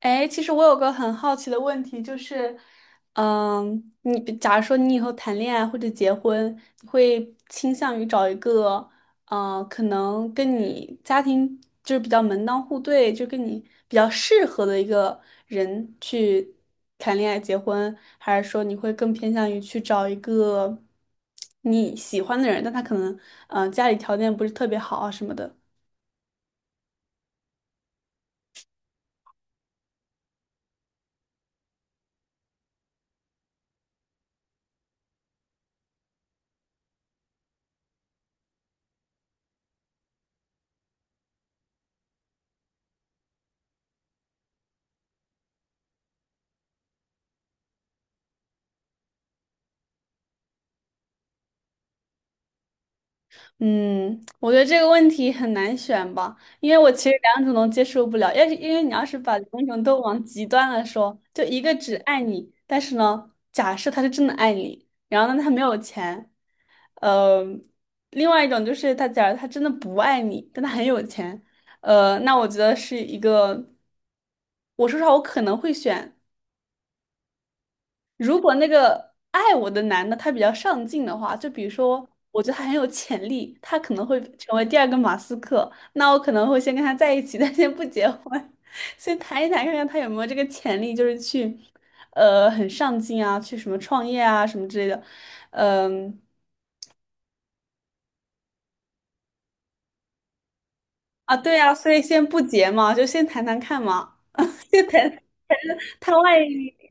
哎，其实我有个很好奇的问题，就是，嗯，你假如说你以后谈恋爱或者结婚，你会倾向于找一个，可能跟你家庭就是比较门当户对，就跟你比较适合的一个人去谈恋爱结婚，还是说你会更偏向于去找一个你喜欢的人，但他可能，嗯，家里条件不是特别好啊什么的？嗯，我觉得这个问题很难选吧，因为我其实两种都接受不了。要是因为你要是把两种都往极端了说，就一个只爱你，但是呢，假设他是真的爱你，然后呢他没有钱，呃，另外一种就是他假如他真的不爱你，但他很有钱，那我觉得是一个，我说实话，我可能会选。如果那个爱我的男的他比较上进的话，就比如说，我觉得他很有潜力，他可能会成为第二个马斯克，那我可能会先跟他在一起，但先不结婚，先谈一谈，看看他有没有这个潜力，就是去，很上进啊，去什么创业啊，什么之类的，嗯，啊，对啊，所以先不结嘛，就先谈谈看嘛，就谈 他万一。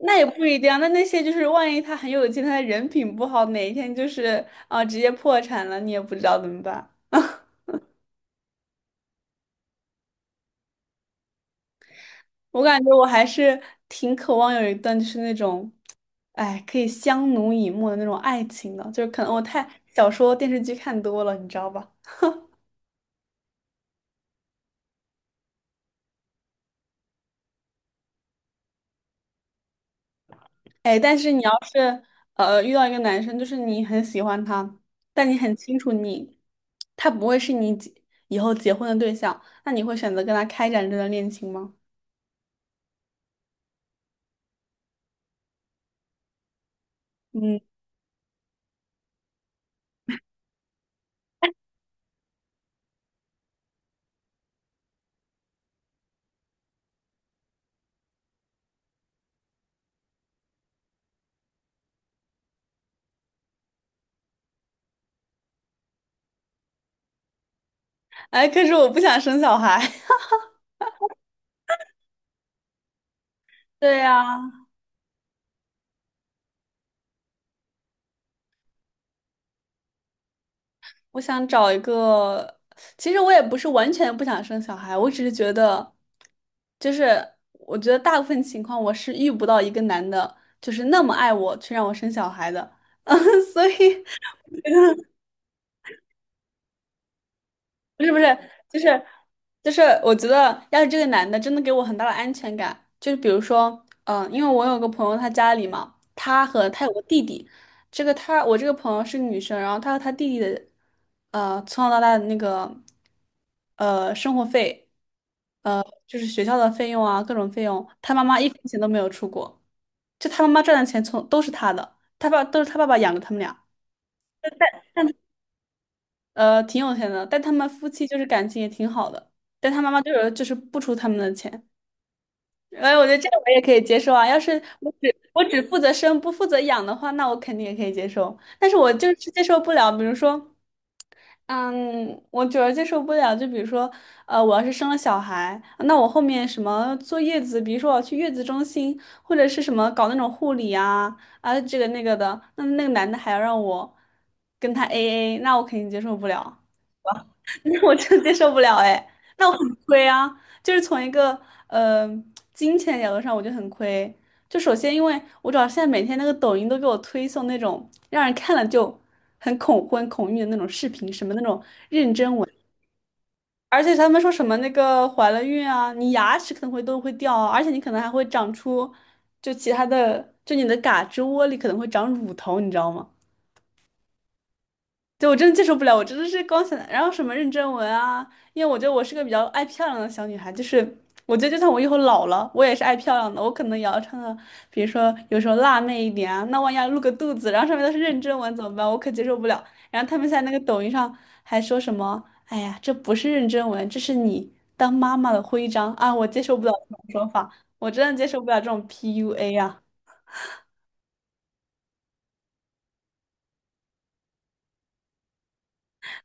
那也不一定啊。那那些就是万一他很有钱，他的人品不好，哪一天就是啊、直接破产了，你也不知道怎么办。我感觉我还是挺渴望有一段就是那种，哎，可以相濡以沫的那种爱情的，就是可能我太小说电视剧看多了，你知道吧？哎，但是你要是遇到一个男生，就是你很喜欢他，但你很清楚你他不会是你结以后结婚的对象，那你会选择跟他开展这段恋情吗？嗯。哎，可是我不想生小孩。对呀，我想找一个。其实我也不是完全不想生小孩，我只是觉得，就是我觉得大部分情况我是遇不到一个男的，就是那么爱我，去让我生小孩的。所以不是不是，就是我觉得要是这个男的真的给我很大的安全感，就是比如说，嗯，因为我有个朋友，他家里嘛，他和他有个弟弟，这个他我这个朋友是个女生，然后他和他弟弟的，从小到大的那个，生活费，呃，就是学校的费用啊，各种费用，他妈妈一分钱都没有出过，就他妈妈赚的钱从都是他的，他爸爸养着他们俩。挺有钱的，但他们夫妻就是感情也挺好的，但他妈妈就是不出他们的钱，哎，我觉得这个我也可以接受啊。要是我只负责生不负责养的话，那我肯定也可以接受，但是我就是接受不了，比如说，嗯，我主要接受不了，就比如说，我要是生了小孩，那我后面什么坐月子，比如说我要去月子中心，或者是什么搞那种护理啊啊这个那个的，那那个男的还要让我跟他 AA，那我肯定接受不了。我真接受不了哎，那我很亏啊，就是从一个呃金钱角度上，我就很亏。就首先，因为我主要现在每天那个抖音都给我推送那种让人看了就很恐婚恐孕的那种视频，什么那种妊娠纹，而且他们说什么那个怀了孕啊，你牙齿可能会都会掉啊，而且你可能还会长出就其他的，就你的胳肢窝里可能会长乳头，你知道吗？对，我真的接受不了，我真的是光想，然后什么认真文啊，因为我觉得我是个比较爱漂亮的小女孩，就是我觉得就算我以后老了，我也是爱漂亮的，我可能也要穿的，比如说有时候辣妹一点啊，那万一要露个肚子，然后上面都是认真文怎么办？我可接受不了。然后他们在那个抖音上还说什么，哎呀，这不是认真文，这是你当妈妈的徽章啊，我接受不了这种说法，我真的接受不了这种 PUA 啊。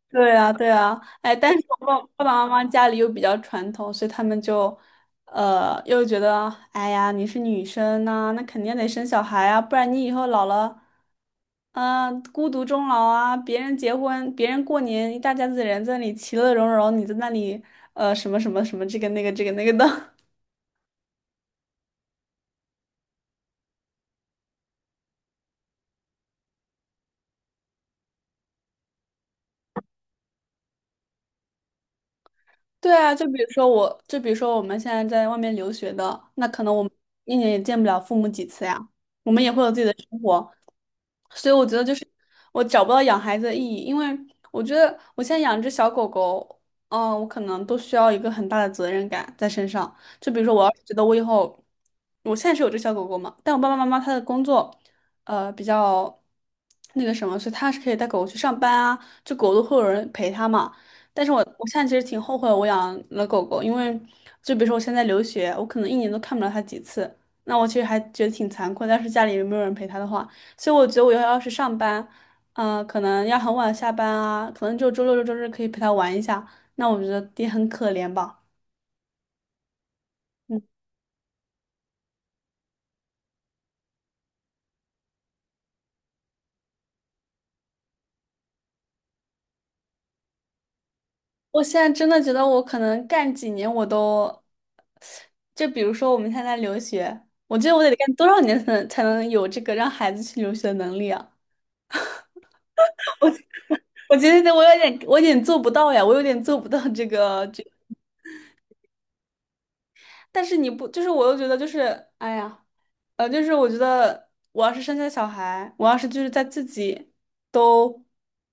对啊，对啊，哎，但是爸爸妈妈家里又比较传统，所以他们就，又觉得，哎呀，你是女生呐、那肯定得生小孩啊，不然你以后老了，嗯、孤独终老啊，别人结婚，别人过年，一大家子人在那里其乐融融，你在那里，什么什么什么这个那个这个那个的，对啊，就比如说我们现在在外面留学的，那可能我们一年也见不了父母几次呀，我们也会有自己的生活，所以我觉得就是我找不到养孩子的意义，因为我觉得我现在养只小狗狗，嗯、我可能都需要一个很大的责任感在身上。就比如说，我要是觉得我以后，我现在是有只小狗狗嘛，但我爸爸妈妈他的工作，比较那个什么，所以他是可以带狗狗去上班啊，就狗都会有人陪他嘛。但是我现在其实挺后悔我养了狗狗，因为就比如说我现在留学，我可能一年都看不了它几次，那我其实还觉得挺残酷的。要是家里没有人陪它的话，所以我觉得要是上班，嗯、可能要很晚下班啊，可能就周六周日可以陪它玩一下，那我觉得也很可怜吧。嗯，我现在真的觉得我可能干几年我都，就比如说我们现在留学，我觉得我得干多少年才能有这个让孩子去留学的能力啊？我觉得我有点做不到呀，我有点做不到这个这，但是你不，就是我又觉得就是，哎呀，就是我觉得我要是生下小孩，我要是就是在自己都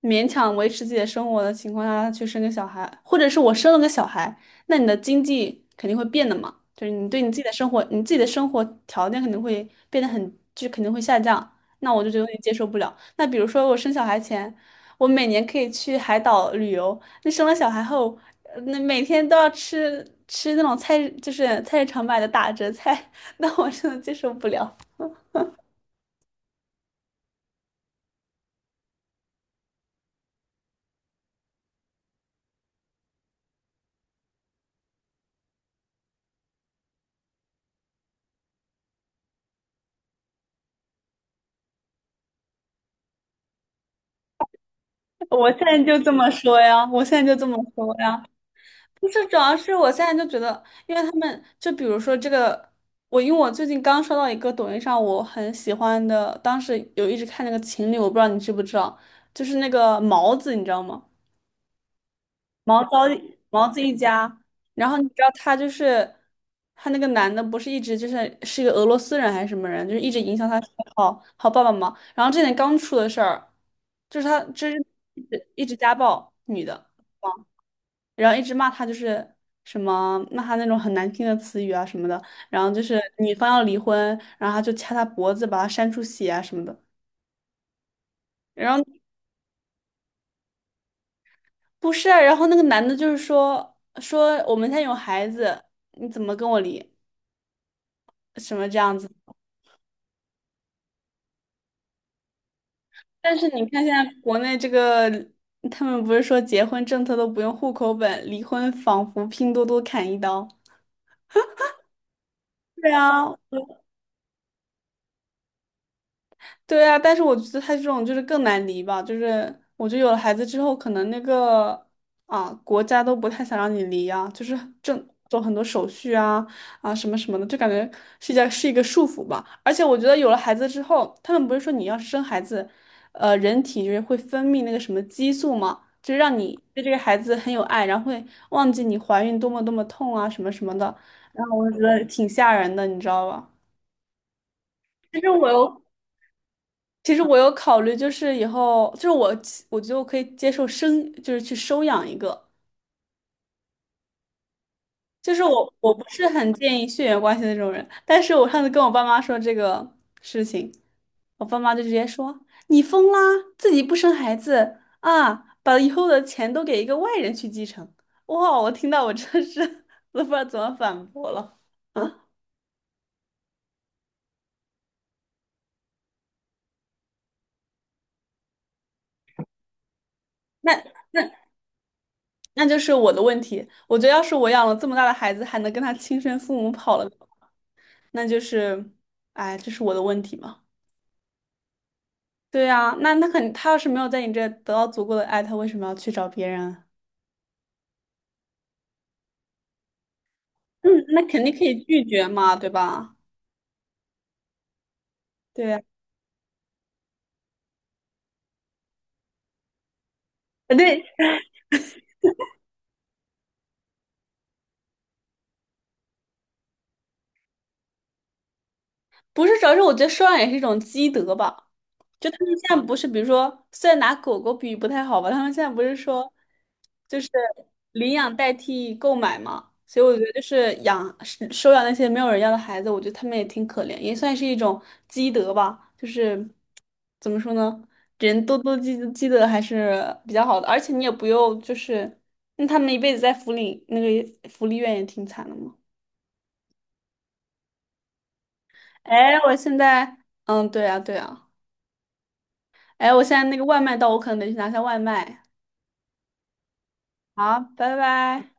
勉强维持自己的生活的情况下去生个小孩，或者是我生了个小孩，那你的经济肯定会变的嘛，就是你自己的生活条件肯定会变得很，就肯定会下降。那我就觉得有点接受不了。那比如说我生小孩前，我每年可以去海岛旅游，那生了小孩后，呃那每天都要吃那种菜，就是菜市场买的打折菜。那我真的接受不了。我现在就这么说呀。就是主要是我现在就觉得，因为他们就比如说这个，因为我最近刚刷到一个抖音上我很喜欢的，当时有一直看那个情侣，我不知道你知不知道，就是那个毛子，你知道吗？毛躁毛子一家，然后你知道他就是他那个男的，不是一直就是是一个俄罗斯人还是什么人，就是一直影响他好好爸爸嘛。然后这点刚出的事儿，就是他就是一直家暴女的，然后一直骂他就是什么骂他那种很难听的词语啊什么的，然后就是女方要离婚，然后他就掐他脖子把他扇出血啊什么的。然后不是啊，然后那个男的就是说我们现在有孩子，你怎么跟我离？什么这样子。但是你看现在国内这个，他们不是说结婚政策都不用户口本，离婚仿佛拼多多砍一刀。对啊，对啊，但是我觉得他这种就是更难离吧，就是我觉得有了孩子之后，可能那个啊国家都不太想让你离啊，就是正走很多手续啊什么什么的，就感觉是一个束缚吧。而且我觉得有了孩子之后，他们不是说你要是生孩子，人体就是会分泌那个什么激素嘛，就是让你对这个孩子很有爱，然后会忘记你怀孕多么多么痛啊什么什么的，然后我就觉得挺吓人的，你知道吧？其实我又。其实我有考虑，就是以后，就是我觉得我可以接受生，就是去收养一个。就是我，我不是很建议血缘关系的这种人，但是我上次跟我爸妈说这个事情，我爸妈就直接说："你疯啦，自己不生孩子啊，把以后的钱都给一个外人去继承。"哇，我听到我真是 都不知道怎么反驳了。啊，那那就是我的问题。我觉得要是我养了这么大的孩子，还能跟他亲生父母跑了，那就是，哎，这是我的问题嘛？对呀，那那肯，他要是没有在你这得到足够的爱，他为什么要去找别人？嗯，那肯定可以拒绝嘛，对吧？对啊，呃对，不是主要是我觉得收养也是一种积德吧。就他们现在不是，比如说，虽然拿狗狗比喻不太好吧，他们现在不是说，就是领养代替购买嘛，所以我觉得就是养收养那些没有人要的孩子，我觉得他们也挺可怜，也算是一种积德吧。就是怎么说呢，人多多积德还是比较好的，而且你也不用就是那他们一辈子在福利那个福利院也挺惨的嘛。哎，我现在嗯，对啊，对啊，哎，我现在那个外卖到，我可能得去拿下外卖。好，拜拜。